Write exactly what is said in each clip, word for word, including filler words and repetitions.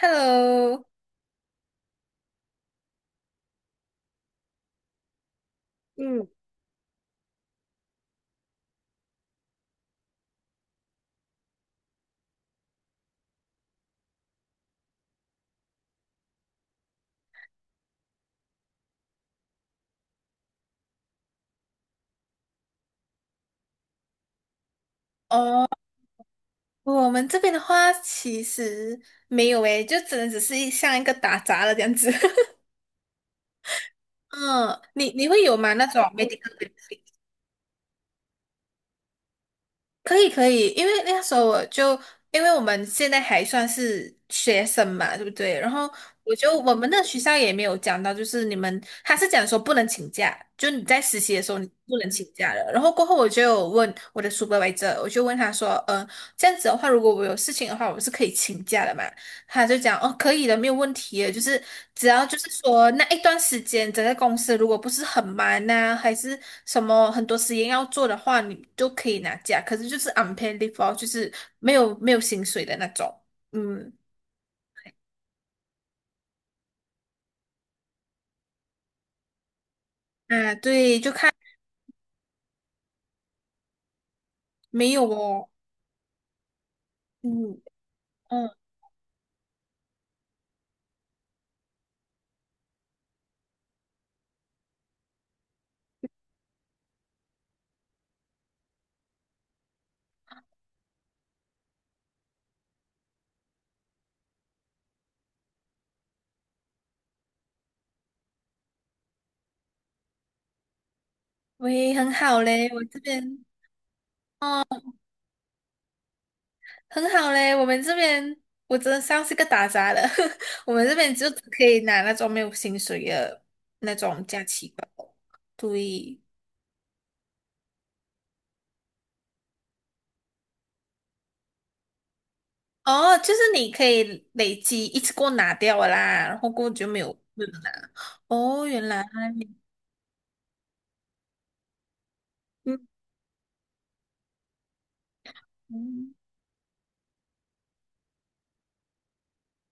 Hello，嗯，哦，我们这边的话其实没有诶，就只能只是一像一个打杂的这样子。嗯，你你会有吗？那种 medical？benefit？可以可以，因为那时候我就，因为我们现在还算是学生嘛，对不对？然后我就我们的学校也没有讲到，就是你们他是讲说不能请假，就你在实习的时候你不能请假的。然后过后我就有问我的 supervisor，我就问他说，嗯，这样子的话，如果我有事情的话，我是可以请假的嘛？他就讲哦，可以的，没有问题的，就是只要就是说那一段时间，整个公司如果不是很忙呐、还是什么很多实验要做的话，你就可以拿假，可是就是 unpaid leave 哦，就是没有没有薪水的那种。嗯啊，对，就看没有哦。嗯嗯，喂，很好嘞，我这边很好嘞，我们这边我真的像是个打杂的，我们这边就只可以拿那种没有薪水的那种假期吧。对。哦，就是你可以累积一次过拿掉了啦，然后过后就没有没有拿。哦，原来，嗯，嗯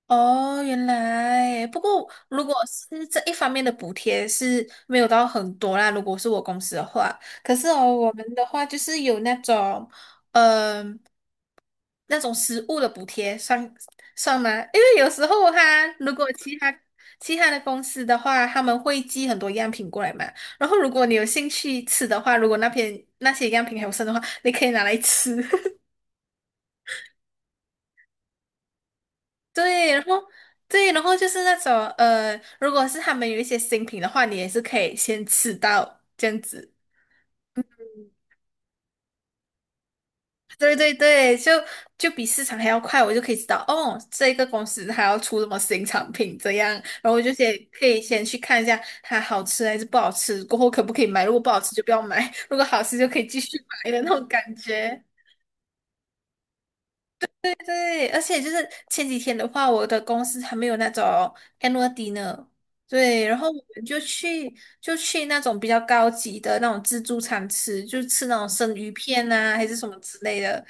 哦，原来。不过如果是这一方面的补贴是没有到很多啦，如果是我公司的话，可是哦，我们的话就是有那种，嗯。那种食物的补贴算算吗？因为有时候他如果其他其他的公司的话，他们会寄很多样品过来嘛。然后如果你有兴趣吃的话，如果那边那些样品还有剩的话，你可以拿来吃。对，然后对，然后就是那种呃，如果是他们有一些新品的话，你也是可以先吃到这样子。对对对，就就比市场还要快，我就可以知道哦，这个公司它要出什么新产品这样，然后我就先可以先去看一下它好吃还是不好吃，过后可不可以买，如果不好吃就不要买，如果好吃就可以继续买的那种感觉。对，而且就是前几天的话，我的公司还没有那种 annual dinner，对，然后我们就去就去那种比较高级的那种自助餐吃，就吃那种生鱼片啊，还是什么之类的。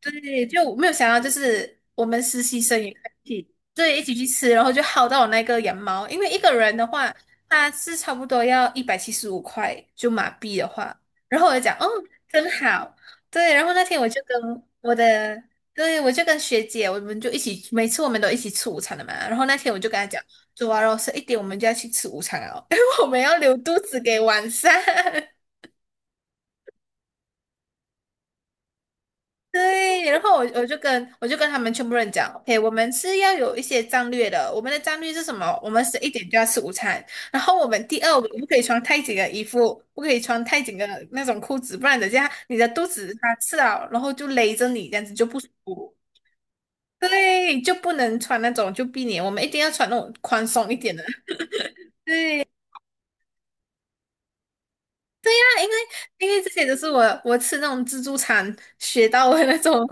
对，就我没有想到，就是我们实习生也一起，对，一起去吃，然后就薅到我那个羊毛，因为一个人的话，他是差不多要一百七十五块，就马币的话，然后我就讲，哦，真好，对，然后那天我就跟我的。对，我就跟学姐，我们就一起，每次我们都一起吃午餐的嘛。然后那天我就跟她讲，走啊，完肉十一点，我们就要去吃午餐了哦，因为我们要留肚子给晚上。对，然后我我就跟我就跟他们全部人讲，OK，我们是要有一些战略的。我们的战略是什么？我们十一点就要吃午餐，然后我们第二，我们不可以穿太紧的衣服，不可以穿太紧的那种裤子，不然等下你的肚子它吃了，然后就勒着你，这样子就不舒服。对，就不能穿那种就避免，我们一定要穿那种宽松一点的。那因为因为这些都是我我吃那种自助餐学到的那种，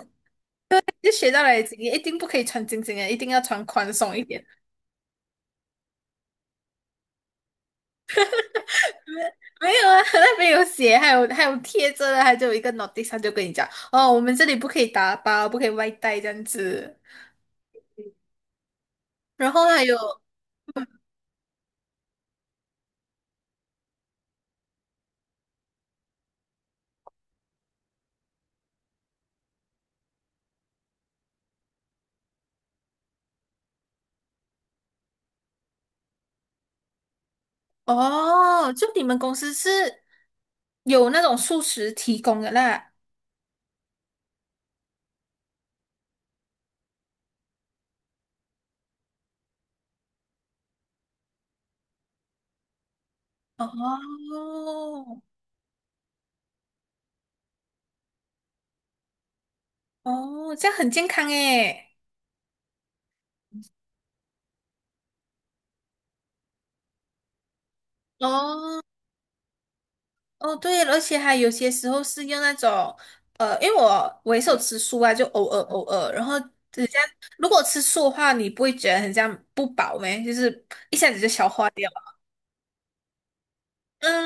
就学到了经验一定不可以穿紧紧的，一定要穿宽松一点。没有啊，那边有写，还有还有贴着的，还有一个 notice，他就跟你讲哦，我们这里不可以打包，不可以外带这样子。然后还有哦，就你们公司是有那种素食提供的啦。哦，哦，这样很健康诶。哦哦，对，而且还有些时候是用那种，呃，因为我我也是有吃素啊，就偶尔偶尔。然后如果吃素的话，你不会觉得很像不饱咩？就是一下子就消化掉了嗯，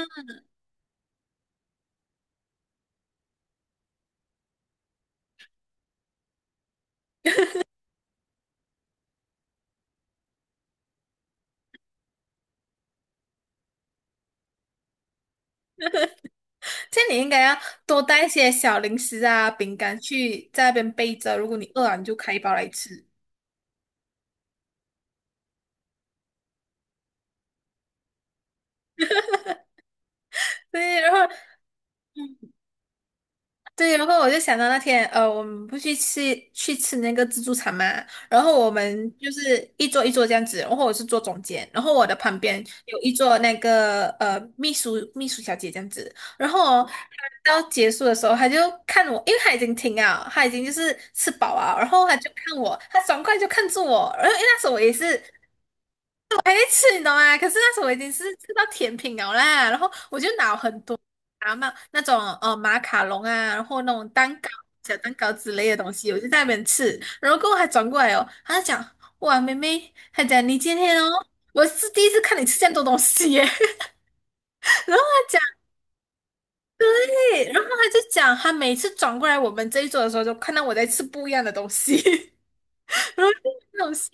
这样你应该要多带一些小零食啊、饼干去在那边备着。如果你饿了，你就开一包来吃。对，然后对，然后我就想到那天，呃，我们不去吃去吃那个自助餐嘛，然后我们就是一桌一桌这样子，然后我是坐中间，然后我的旁边有一桌那个呃秘书秘书小姐这样子，然后哦她到结束的时候，她就看我，因为她已经停了，她已经就是吃饱啊，然后她就看我，她爽快就看住我，然后因为那时候我也是哎，吃你懂吗？可是那时候我已经是吃到甜品了啦，然后我就拿很多啊嘛那种呃马卡龙啊，然后那种蛋糕、小蛋糕之类的东西，我就在那边吃。然后过后还转过来哦，他就讲哇妹妹，他讲你今天哦，我是第一次看你吃这样多东西耶。讲，对，然后他就讲他每次转过来我们这一桌的时候，就看到我在吃不一样的东西。然后就好笑，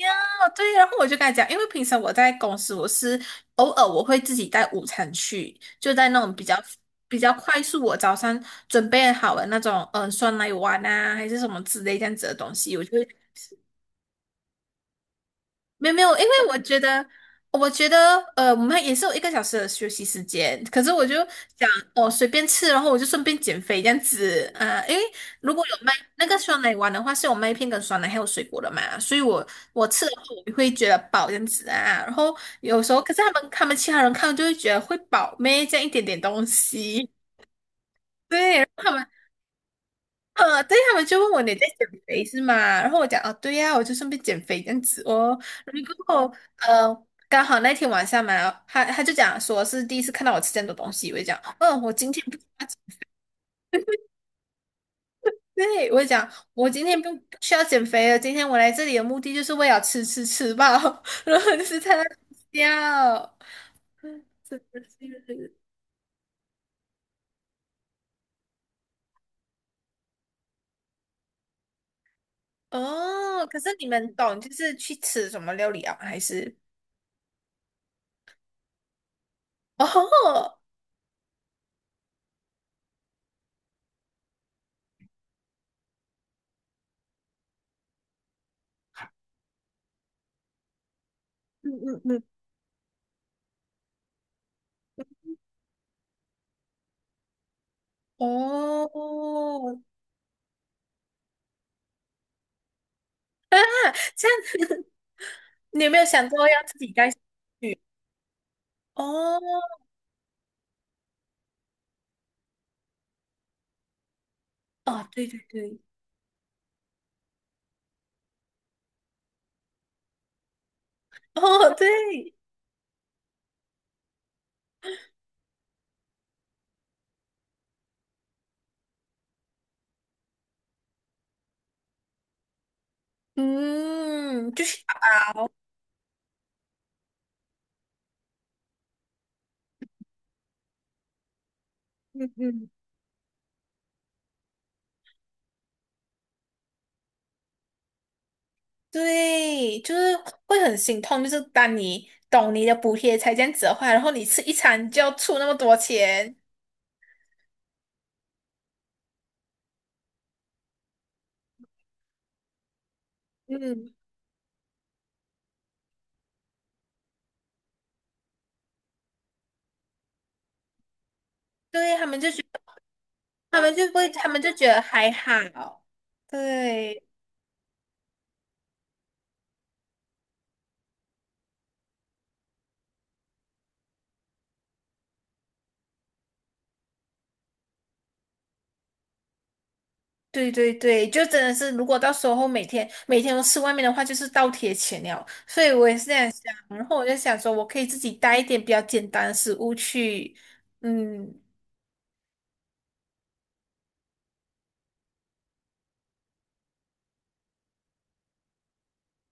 对，然后我就跟他讲，因为平常我在公司，我是偶尔我会自己带午餐去，就在那种比较比较快速，我早上准备好了那种，嗯、酸奶碗啊，还是什么之类这样子的东西，我就会没有没有，因为我觉得，我觉得，呃，我们也是有一个小时的休息时间，可是我就想，哦，随便吃，然后我就顺便减肥这样子，啊、因为如果有麦那个酸奶碗的话，是有麦片跟酸奶还有水果的嘛，所以我我吃的话，我会觉得饱这样子啊，然后有时候，可是他们他们其他人看就会觉得会饱咩，这样一点点东西，对，然后他们。呃，对，他们就问我你在减肥是吗？然后我讲哦，对呀、我就顺便减肥这样子哦。然后呃，刚好那天晚上嘛，他他就讲说是第一次看到我吃这样多东西，我就讲，嗯，我今天不，对，我就讲我今天不不需要减肥了，今天我来这里的目的就是为了吃吃吃饱，然后就是在那里笑，真的是哦。可是你们懂就是去吃什么料理啊？还是哦，嗯嗯嗯，哦。啊，这样子，你有没有想过要自己带去？哦，哦，对对对，哦对，嗯，就是熬，嗯嗯，对，就是会很心痛，就是当你懂你的补贴才这样子的话，然后你吃一餐就要出那么多钱，嗯，对，他们就觉得，他们就不会，他们就觉得还好，对。对对对，就真的是，如果到时候每天每天都吃外面的话，就是倒贴钱了。所以我也是这样想，然后我就想说，我可以自己带一点比较简单的食物去，嗯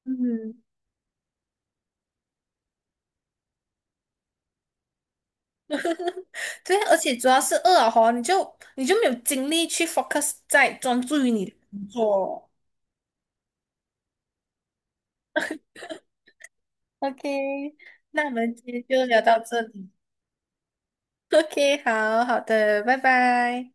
嗯，对啊，而且主要是饿了吼你就你就没有精力去 focus 在专注于你的工作。OK，那我们今天就聊到这里。OK，好好的，拜拜。